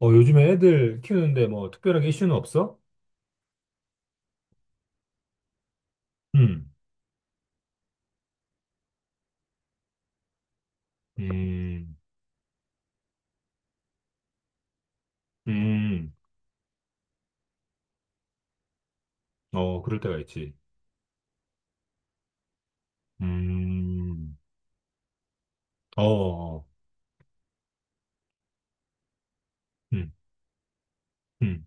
어, 요즘에 애들 키우는데 뭐 특별하게 이슈는 없어? 음. 음. 음. 어, 그럴 때가 있지. 음. 어, 어. 음. 음.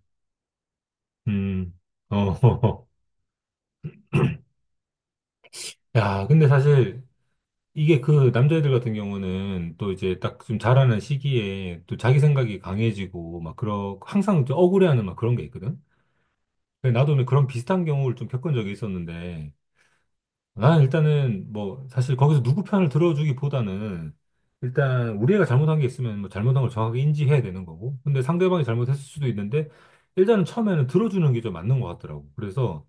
음. 어. 야, 근데 사실 이게 그 남자애들 같은 경우는 또 이제 딱 좀 자라는 시기에 또 자기 생각이 강해지고 막 그런, 항상 좀 억울해하는 막 그런 게 있거든? 근데 나도 오늘 그런 비슷한 경우를 좀 겪은 적이 있었는데 아, 일단은 뭐 사실 거기서 누구 편을 들어주기보다는 일단 우리가 잘못한 게 있으면 뭐 잘못한 걸 정확하게 인지해야 되는 거고. 근데 상대방이 잘못했을 수도 있는데 일단은 처음에는 들어주는 게 좀 맞는 것 같더라고. 그래서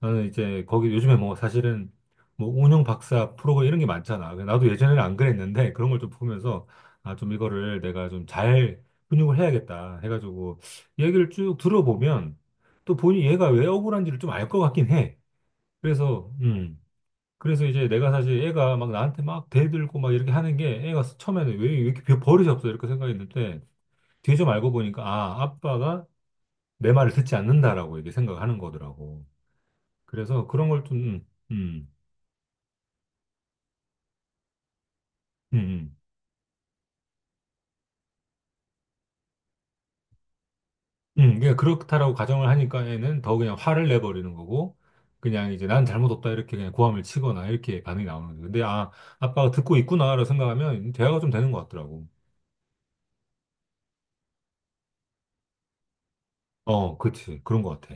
나는 이제 거기 요즘에 뭐 사실은 뭐 운영 박사 프로가 이런 게 많잖아. 나도 예전에는 안 그랬는데 그런 걸 좀 보면서 아, 좀 이거를 내가 좀 잘 근육을 해야겠다 해가지고 얘기를 쭉 들어보면 또 본인 얘가 왜 억울한지를 좀 알 것 같긴 해. 그래서 그래서 이제 내가 사실 애가 막 나한테 막 대들고 막 이렇게 하는 게 애가 처음에는 왜, 이렇게 버릇이 없어 이렇게 생각했는데 뒤에 좀 알고 보니까 아, 아빠가 내 말을 듣지 않는다라고 이렇게 생각하는 거더라고. 그래서 그런 걸 좀, 음. 음. 음. 음. 그냥 그렇다라고 가정을 하니까 애는 더 그냥 화를 내버리는 거고 그냥 이제 난 잘못 없다 이렇게 그냥 고함을 치거나 이렇게 반응이 나오는 거지. 근데 아, 아빠가 듣고 있구나라고 생각하면 대화가 좀 되는 것 같더라고. 어, 그렇지. 그런 것 같아.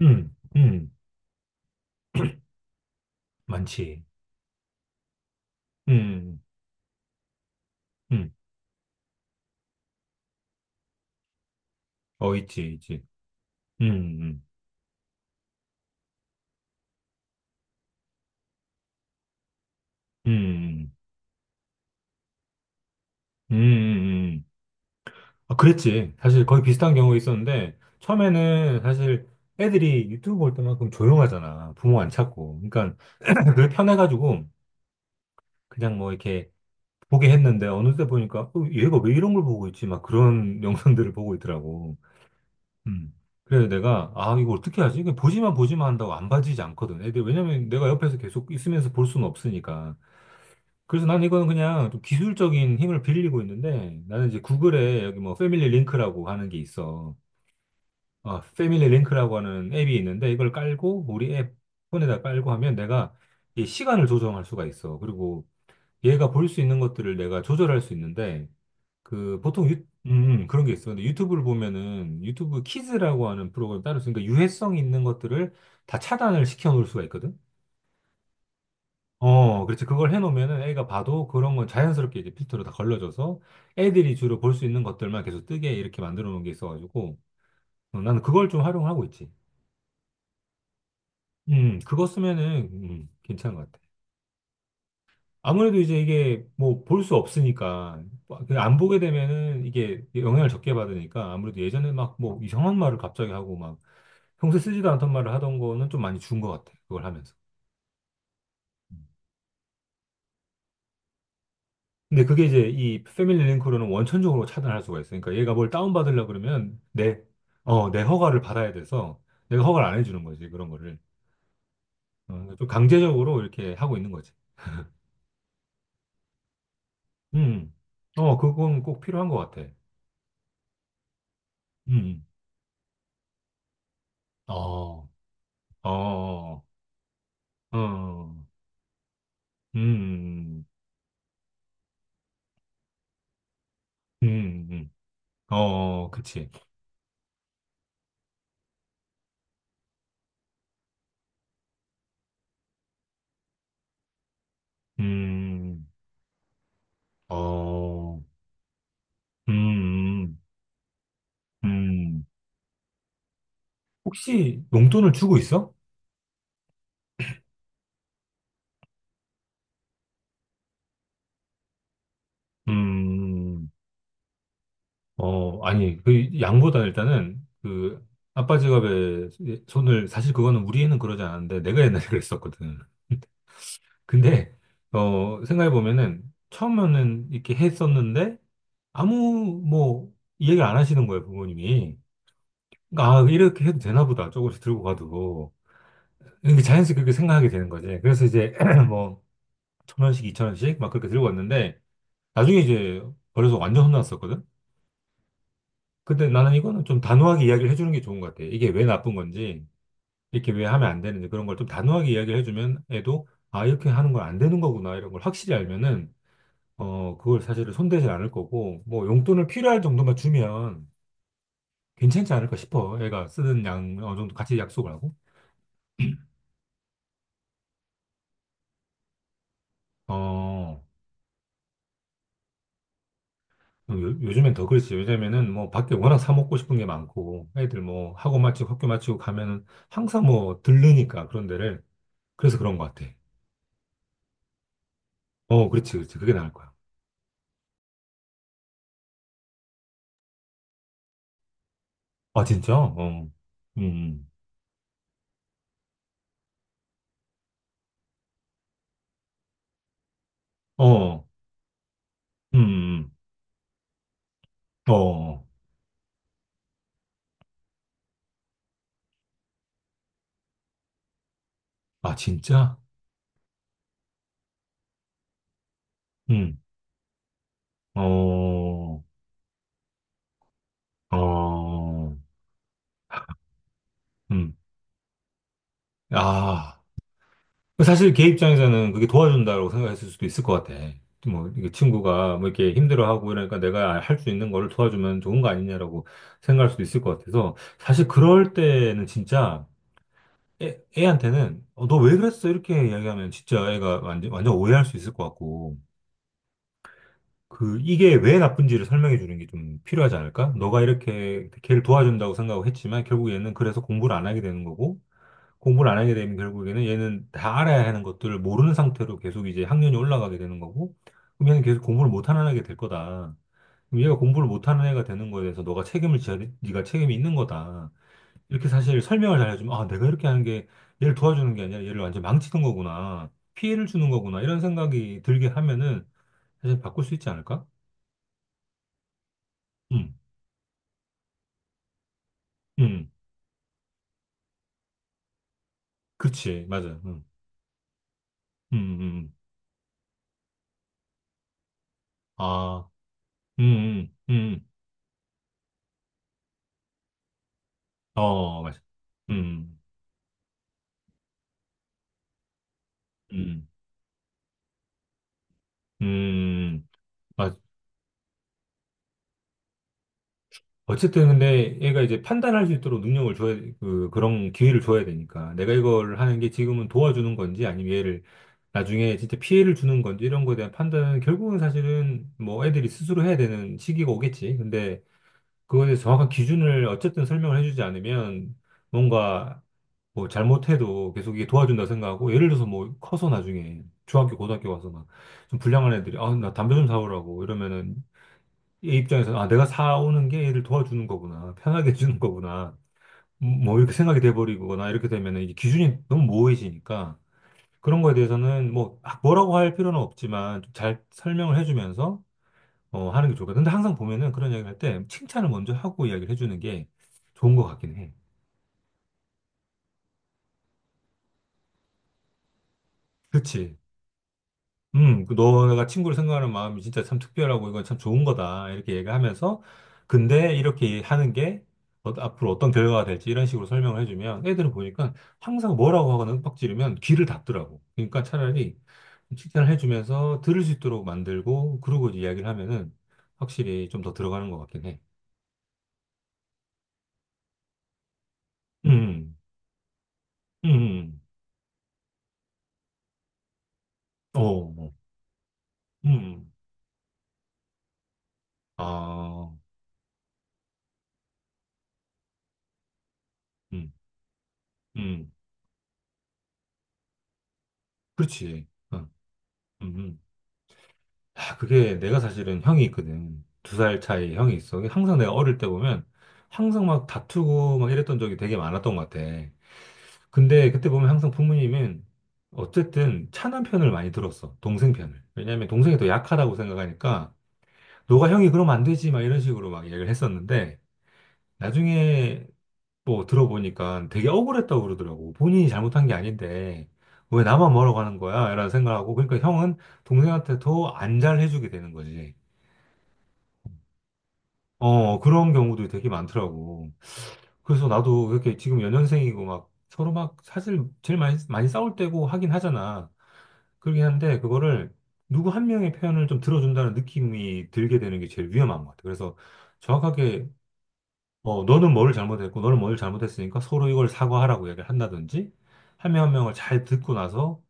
음. 음. 많지. 음. 음. 어, 있지, 있지. 음. 음. 음. 음. 음. 음. 음. 아, 그랬지. 사실 거의 비슷한 경우 있었는데, 처음에는 사실 애들이 유튜브 볼 때만큼 조용하잖아. 부모 안 찾고. 그러니까, 그게 편해가지고, 그냥 뭐 이렇게 보게 했는데, 어느새 보니까, 어, 얘가 왜 이런 걸 보고 있지? 막 그런 영상들을 보고 있더라고. 음. 그래서 내가, 아, 이거 어떻게 하지? 그냥 보지만 한다고 안 봐지지 않거든. 애들, 왜냐면 내가 옆에서 계속 있으면서 볼 수는 없으니까. 그래서 난 이거는 그냥 좀 기술적인 힘을 빌리고 있는데 나는 이제 구글에 여기 뭐 패밀리 링크라고 하는 게 있어. 아, 패밀리 링크라고 하는 앱이 있는데 이걸 깔고 우리 앱 폰에다 깔고 하면 내가 이 시간을 조정할 수가 있어. 그리고 얘가 볼 수 있는 것들을 내가 조절할 수 있는데 그 보통 유, 음. 그런 게 있어. 근데 유튜브를 보면은 유튜브 키즈라고 하는 프로그램 따로 있으니까 유해성 있는 것들을 다 차단을 시켜 놓을 수가 있거든. 어, 그렇지. 그걸 해놓으면은 애가 봐도 그런 건 자연스럽게 이제 필터로 다 걸러져서 애들이 주로 볼 수 있는 것들만 계속 뜨게 이렇게 만들어 놓은 게 있어가지고 어, 나는 그걸 좀 활용하고 있지. 그거 쓰면은 괜찮은 것 같아. 아무래도 이제 이게 뭐 볼 수 없으니까 뭐 그안 보게 되면은 이게 영향을 적게 받으니까 아무래도 예전에 막 뭐 이상한 말을 갑자기 하고 막 평소에 쓰지도 않던 말을 하던 거는 좀 많이 준 것 같아. 그걸 하면서. 근데 그게 이제 이 패밀리 링크로는 원천적으로 차단할 수가 있어요. 그러니까 얘가 뭘 다운받으려고 그러면 내, 어, 내 허가를 받아야 돼서 내가 허가를 안 해주는 거지, 그런 거를. 어, 그러니까 좀 강제적으로 이렇게 하고 있는 거지. 음. 어, 그건 꼭 필요한 것 같아. 음. 어, 어, 어. 음. 음. 음. 어, 어, 그치. 음. 어. 음. 음. 음. 혹시 용돈을 주고 있어? 음. 어, 아니, 그 양보다 일단은 그 아빠 지갑에 손을 사실 그거는 우리 애는 그러지 않았는데 내가 옛날에 그랬었거든. 근데 어, 생각해 보면은 처음에는 이렇게 했었는데 아무 뭐 이야기를 안 하시는 거예요, 부모님이. 그러니까 아, 이렇게 해도 되나 보다. 조금씩 들고 가도. 이게 자연스럽게 그렇게 생각하게 되는 거지. 그래서 이제 뭐 천 원씩, 이천 원씩 막 그렇게 들고 왔는데 나중에 이제 어려서 완전 혼났었거든. 근데 나는 이거는 좀 단호하게 이야기를 해주는 게 좋은 것 같아. 이게 왜 나쁜 건지. 이렇게 왜 하면 안 되는지 그런 걸 좀 단호하게 이야기를 해주면 애도 아, 이렇게 하는 건 안 되는 거구나 이런 걸 확실히 알면은 어, 그걸 사실은 손대지 않을 거고 뭐 용돈을 필요할 정도만 주면 괜찮지 않을까 싶어. 애가 쓰는 양 어느 정도 같이 약속을 하고. 어, 요, 요즘엔 더 그렇지. 요즘에는 뭐 밖에 워낙 사 먹고 싶은 게 많고 애들 뭐 학원 마치고 학교 마치고 가면은 항상 뭐 들르니까 그런 데를. 그래서 그런 것 같아. 어, 그렇지, 그렇지. 그게 나을 거야. 아, 진짜? 어음어음 어, 아, 진짜? 음. 어. 어. 음. 아. 사실 걔 입장에서는 그게 도와준다고 생각했을 수도 있을 것 같아. 뭐, 이게 친구가 뭐 이렇게 힘들어하고 이러니까 내가 할 수 있는 거를 도와주면 좋은 거 아니냐라고 생각할 수도 있을 것 같아서 사실 그럴 때는 진짜 애한테는 어, 너왜 그랬어? 이렇게 이야기하면 진짜 애가 완전, 완전 오해할 수 있을 것 같고. 그, 이게 왜 나쁜지를 설명해 주는 게 좀 필요하지 않을까? 너가 이렇게 걔를 도와준다고 생각을 했지만 결국 얘는 그래서 공부를 안 하게 되는 거고, 공부를 안 하게 되면 결국에는 얘는 다 알아야 하는 것들을 모르는 상태로 계속 이제 학년이 올라가게 되는 거고, 그럼 얘는 계속 공부를 못하는 애가 될 거다. 그럼 얘가 공부를 못하는 애가 되는 거에 대해서 너가 책임을 져야, 돼. 네가 책임이 있는 거다. 이렇게 사실 설명을 잘 해주면, 아, 내가 이렇게 하는 게 얘를 도와주는 게 아니라 얘를 완전 망치는 거구나. 피해를 주는 거구나. 이런 생각이 들게 하면은 사실 바꿀 수 있지 않을까? 음. 음, 그렇지, 맞아. 음. 음. 음. 음. 아, 음. 음. 음. 음. 어, 맞아. 음. 음. 음. 맞. 어쨌든 근데 얘가 이제 판단할 수 있도록 능력을 줘야, 그, 그런 기회를 줘야 되니까. 내가 이걸 하는 게 지금은 도와주는 건지 아니면 얘를 나중에 진짜 피해를 주는 건지 이런 거에 대한 판단은 결국은 사실은 뭐 애들이 스스로 해야 되는 시기가 오겠지. 근데 그거에 대해서 정확한 기준을 어쨌든 설명을 해주지 않으면 뭔가 뭐 잘못해도 계속 이게 도와준다 생각하고 예를 들어서 뭐 커서 나중에 중학교 고등학교 가서 막 좀 불량한 애들이 아 나 담배 좀 사오라고 이러면은 얘 입장에서 아 내가 사오는 게 얘를 도와주는 거구나 편하게 해주는 거구나 뭐 뭐 이렇게 생각이 돼버리거나 이렇게 되면은 이제 기준이 너무 모호해지니까 그런 거에 대해서는 뭐 아, 뭐라고 할 필요는 없지만 좀잘 설명을 해주면서 어 하는 게 좋을 것 같아. 근데 항상 보면은 그런 이야기를 할 때 칭찬을 먼저 하고 이야기를 해주는 게 좋은 것 같긴 해. 그치. 그 너가 친구를 생각하는 마음이 진짜 참 특별하고 이건 참 좋은 거다. 이렇게 얘기하면서, 근데 이렇게 하는 게 앞으로 어떤 결과가 될지 이런 식으로 설명을 해주면 애들은 보니까 항상 뭐라고 하거나 윽박 지르면 귀를 닫더라고. 그러니까 차라리 칭찬을 해주면서 들을 수 있도록 만들고 그러고 이제 이야기를 하면은 확실히 좀 더 들어가는 것 같긴 해. 음. 음. 어, 어, 뭐. 음. 아. 음. 음. 그렇지. 어. 음. 음. 아, 그게 내가 사실은 형이 있거든. 두 살 차이 형이 있어. 항상 내가 어릴 때 보면 항상 막 다투고 막 이랬던 적이 되게 많았던 것 같아. 근데 그때 보면 항상 부모님은 어쨌든 차남 편을 많이 들었어. 동생 편을. 왜냐면 동생이 더 약하다고 생각하니까 너가 형이 그러면 안 되지 막 이런 식으로 막 얘기를 했었는데 나중에 뭐 들어보니까 되게 억울했다고 그러더라고. 본인이 잘못한 게 아닌데 왜 나만 뭐라고 하는 거야? 이런 생각하고 그러니까 형은 동생한테 더 안 잘해주게 되는 거지. 어, 그런 경우도 되게 많더라고. 그래서 나도 이렇게 지금 연년생이고 막 서로 막 사실 제일 많이, 많이 싸울 때고 하긴 하잖아. 그러긴 한데 그거를 누구 한 명의 표현을 좀 들어준다는 느낌이 들게 되는 게 제일 위험한 것 같아. 그래서 정확하게 어, 너는 뭐를 잘못했고 너는 뭘 잘못했으니까 서로 이걸 사과하라고 얘기를 한다든지 한 명 한 명을 잘 듣고 나서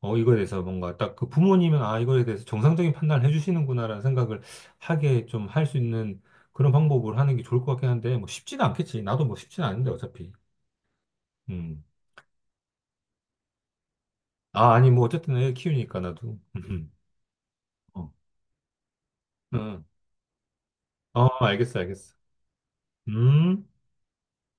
어, 이거에 대해서 뭔가 딱 그 부모님은 아, 이거에 대해서 정상적인 판단을 해주시는구나라는 생각을 하게 좀 할 수 있는 그런 방법을 하는 게 좋을 것 같긴 한데, 뭐 쉽지는 않겠지. 나도 뭐 쉽지는 않은데, 어차피. 음. 아, 아니, 뭐 어쨌든 애 키우니까 나도. 어, 응. 어, 알겠어, 알겠어. 음.